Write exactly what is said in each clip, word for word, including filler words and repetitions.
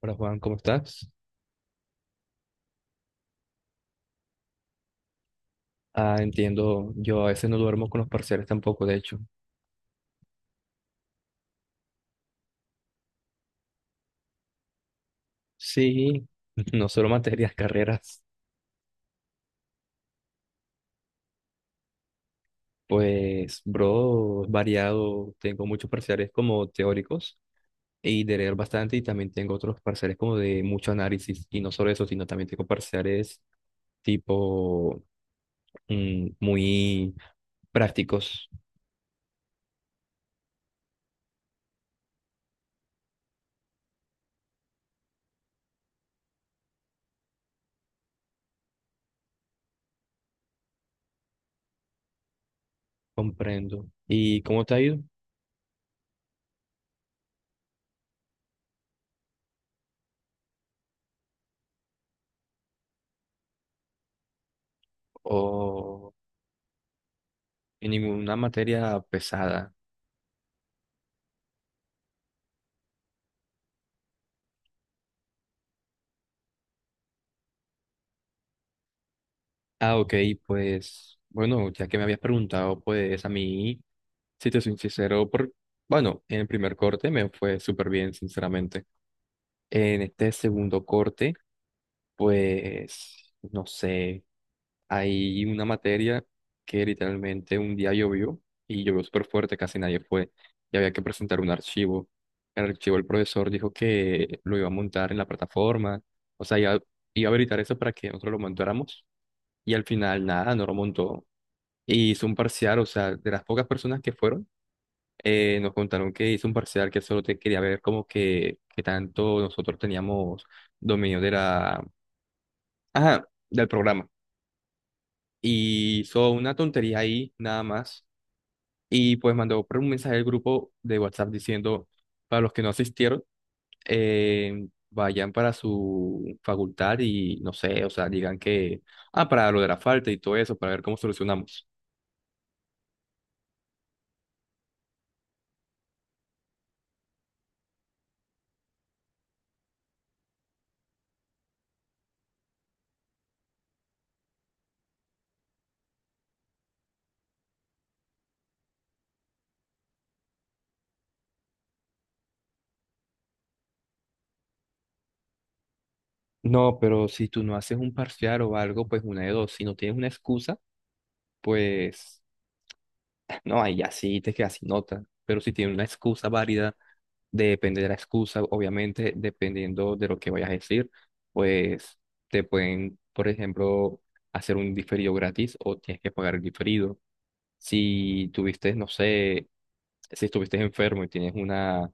Hola Juan, ¿cómo estás? Ah, entiendo, yo a veces no duermo con los parciales tampoco, de hecho. Sí, no solo materias, carreras. Pues, bro, variado, tengo muchos parciales como teóricos y de leer bastante y también tengo otros parciales como de mucho análisis y no solo eso, sino también tengo parciales tipo mm, muy prácticos, comprendo. ¿Y cómo te ha ido? ¿O en ninguna materia pesada? Ah, ok, pues bueno, ya que me habías preguntado, pues a mí, si te soy sincero, por, bueno, en el primer corte me fue súper bien, sinceramente. En este segundo corte, pues, no sé, hay una materia que literalmente un día llovió y llovió súper fuerte, casi nadie fue y había que presentar un archivo. El archivo el profesor dijo que lo iba a montar en la plataforma, o sea, iba, iba a habilitar eso para que nosotros lo montáramos y al final nada, no lo montó. Y hizo un parcial, o sea, de las pocas personas que fueron, eh, nos contaron que hizo un parcial que solo te quería ver como que, que tanto nosotros teníamos dominio de la, ajá, del programa. Y hizo una tontería ahí, nada más. Y pues mandó por un mensaje al grupo de WhatsApp diciendo, para los que no asistieron, eh, vayan para su facultad y no sé, o sea, digan que, ah, para lo de la falta y todo eso, para ver cómo solucionamos. No, pero si tú no haces un parcial o algo, pues una de dos. Si no tienes una excusa, pues no, ahí ya sí te quedas sin nota. Pero si tienes una excusa válida, depende de la excusa, obviamente, dependiendo de lo que vayas a decir, pues te pueden, por ejemplo, hacer un diferido gratis o tienes que pagar el diferido. Si tuviste, no sé, si estuviste enfermo y tienes una,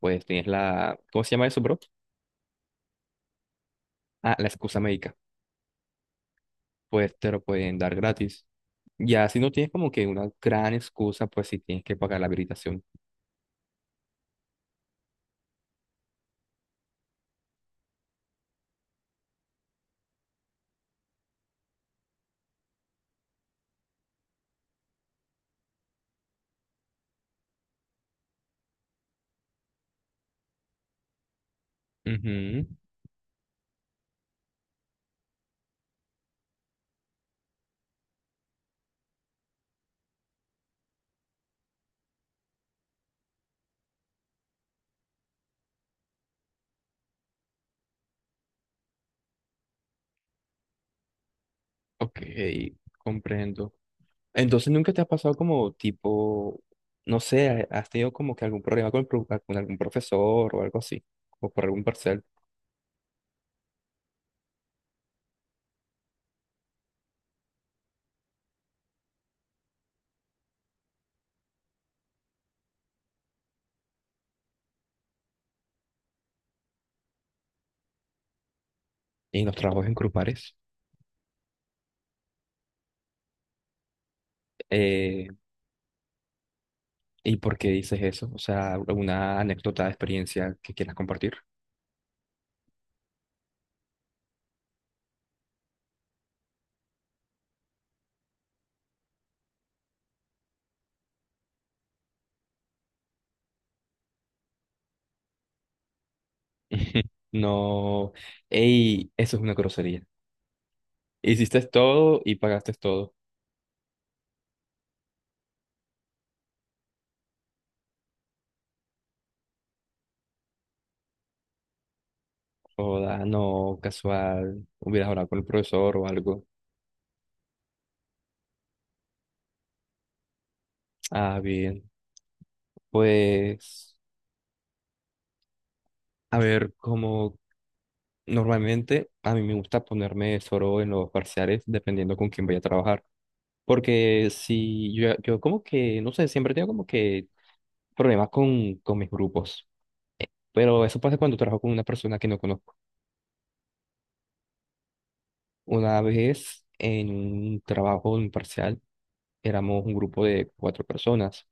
pues tienes la, ¿cómo se llama eso, bro? Ah, la excusa médica. Pues te lo pueden dar gratis. Ya si no tienes como que una gran excusa, pues si tienes que pagar la habilitación. Ujú. Ok, comprendo. Entonces, ¿nunca te ha pasado como tipo, no sé, has tenido como que algún problema con, el pro- con algún profesor o algo así, o por algún parcial en los trabajos en grupales? Eh, ¿y por qué dices eso? O sea, alguna anécdota de experiencia que quieras compartir. No, ey, eso es una grosería. Hiciste todo y pagaste todo. Joda, no, casual. Hubieras hablado con el profesor o algo. Ah, bien. Pues, a ver, como normalmente a mí me gusta ponerme solo en los parciales dependiendo con quién voy a trabajar. Porque si yo, yo como que, no sé, siempre tengo como que problemas con, con mis grupos. Eh, Pero eso pasa cuando trabajo con una persona que no conozco. Una vez en un trabajo, en un parcial, éramos un grupo de cuatro personas,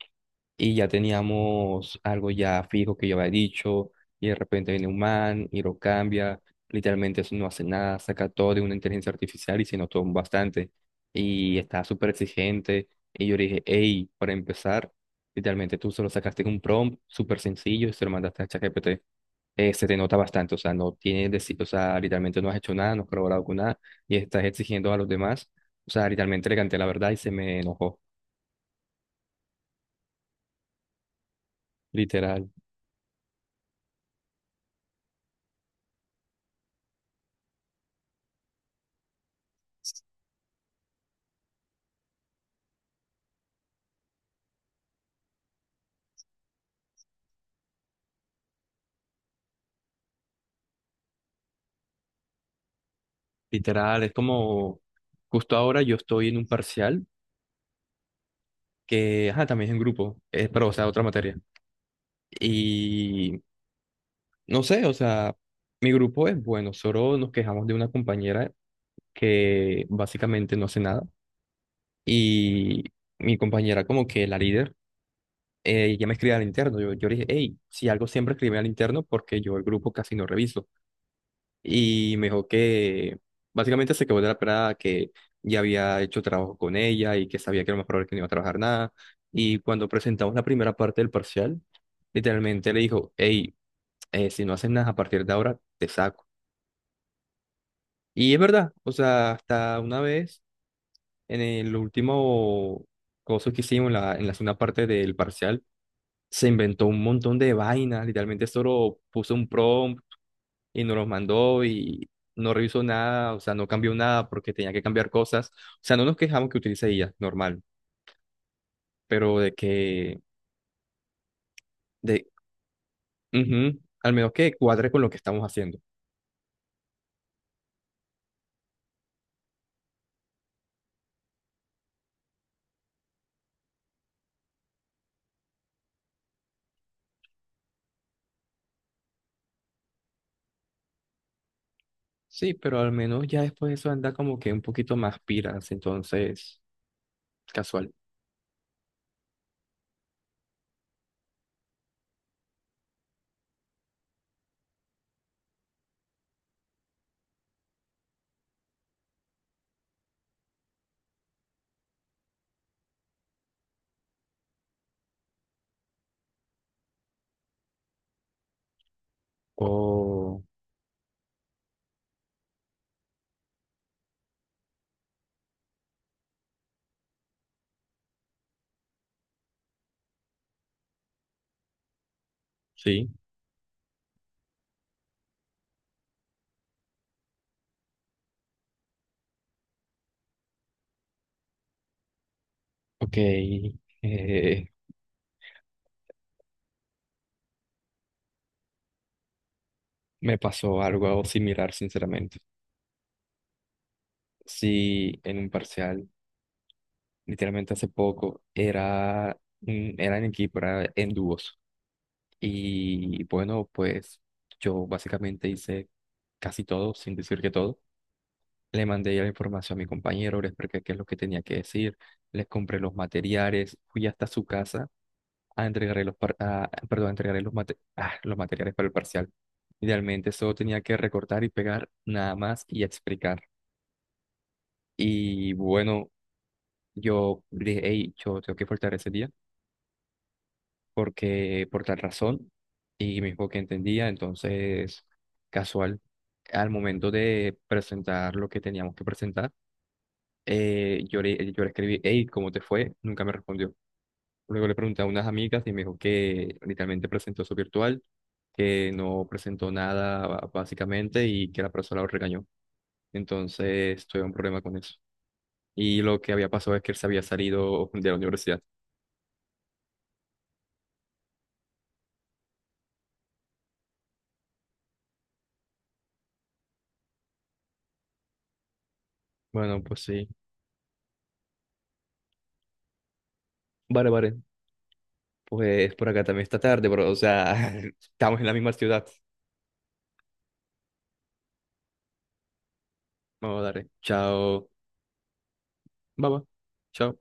y ya teníamos algo ya fijo que yo había dicho, y de repente viene un man y lo cambia, literalmente eso no hace nada, saca todo de una inteligencia artificial y se notó bastante, y está súper exigente, y yo le dije, hey, para empezar, literalmente tú solo sacaste un prompt súper sencillo y se lo mandaste a ChatGPT. Eh, se te nota bastante, o sea, no tienes, deci- o sea, literalmente no has hecho nada, no has colaborado con nada, y estás exigiendo a los demás, o sea, literalmente le canté la verdad y se me enojó, literal. Literal, es como justo ahora yo estoy en un parcial que, ajá, también es en grupo, es, pero o sea, otra materia. Y no sé, o sea, mi grupo es bueno, solo nos quejamos de una compañera que básicamente no hace nada. Y mi compañera como que la líder, eh, ella me escribe al interno, yo, yo le dije, hey, si algo siempre escribe al interno porque yo el grupo casi no reviso. Y me dijo que básicamente se quedó de la pelada que ya había hecho trabajo con ella y que sabía que era lo más probable que no iba a trabajar nada. Y cuando presentamos la primera parte del parcial, literalmente le dijo, hey, eh, si no haces nada a partir de ahora, te saco. Y es verdad, o sea, hasta una vez en el último coso que hicimos, en la, en la segunda parte del parcial, se inventó un montón de vainas, literalmente solo puso un prompt y nos los mandó y no revisó nada, o sea, no cambió nada porque tenía que cambiar cosas. O sea, no nos quejamos que utilice I A, normal, pero de que, de, ujú, al menos que cuadre con lo que estamos haciendo. Sí, pero al menos ya después de eso anda como que un poquito más piras, entonces, casual. Oh, sí, ok. eh, Me pasó algo similar, sinceramente. Sí, en un parcial, literalmente hace poco, era, mm, era en equipo, era en dúos. Y bueno, pues yo básicamente hice casi todo, sin decir que todo. Le mandé ya la información a mi compañero, le expliqué qué es lo que tenía que decir, les compré los materiales, fui hasta su casa a entregarle los, par- a- perdón, a entregarle los, mate- ah, los materiales para el parcial. Idealmente solo tenía que recortar y pegar nada más y explicar. Y bueno, yo le dije, hey, yo tengo que faltar ese día porque por tal razón y mismo que entendía, entonces casual, al momento de presentar lo que teníamos que presentar, eh, yo, le, yo le escribí, hey, ¿cómo te fue? Nunca me respondió. Luego le pregunté a unas amigas y me dijo que literalmente presentó su virtual, que no presentó nada básicamente y que la profesora lo regañó. Entonces tuve un problema con eso. Y lo que había pasado es que él se había salido de la universidad. Bueno, pues sí. Vale, vale. Pues por acá también está tarde, bro. O sea, estamos en la misma ciudad. Vamos a darle. Chao. Baba. Chao.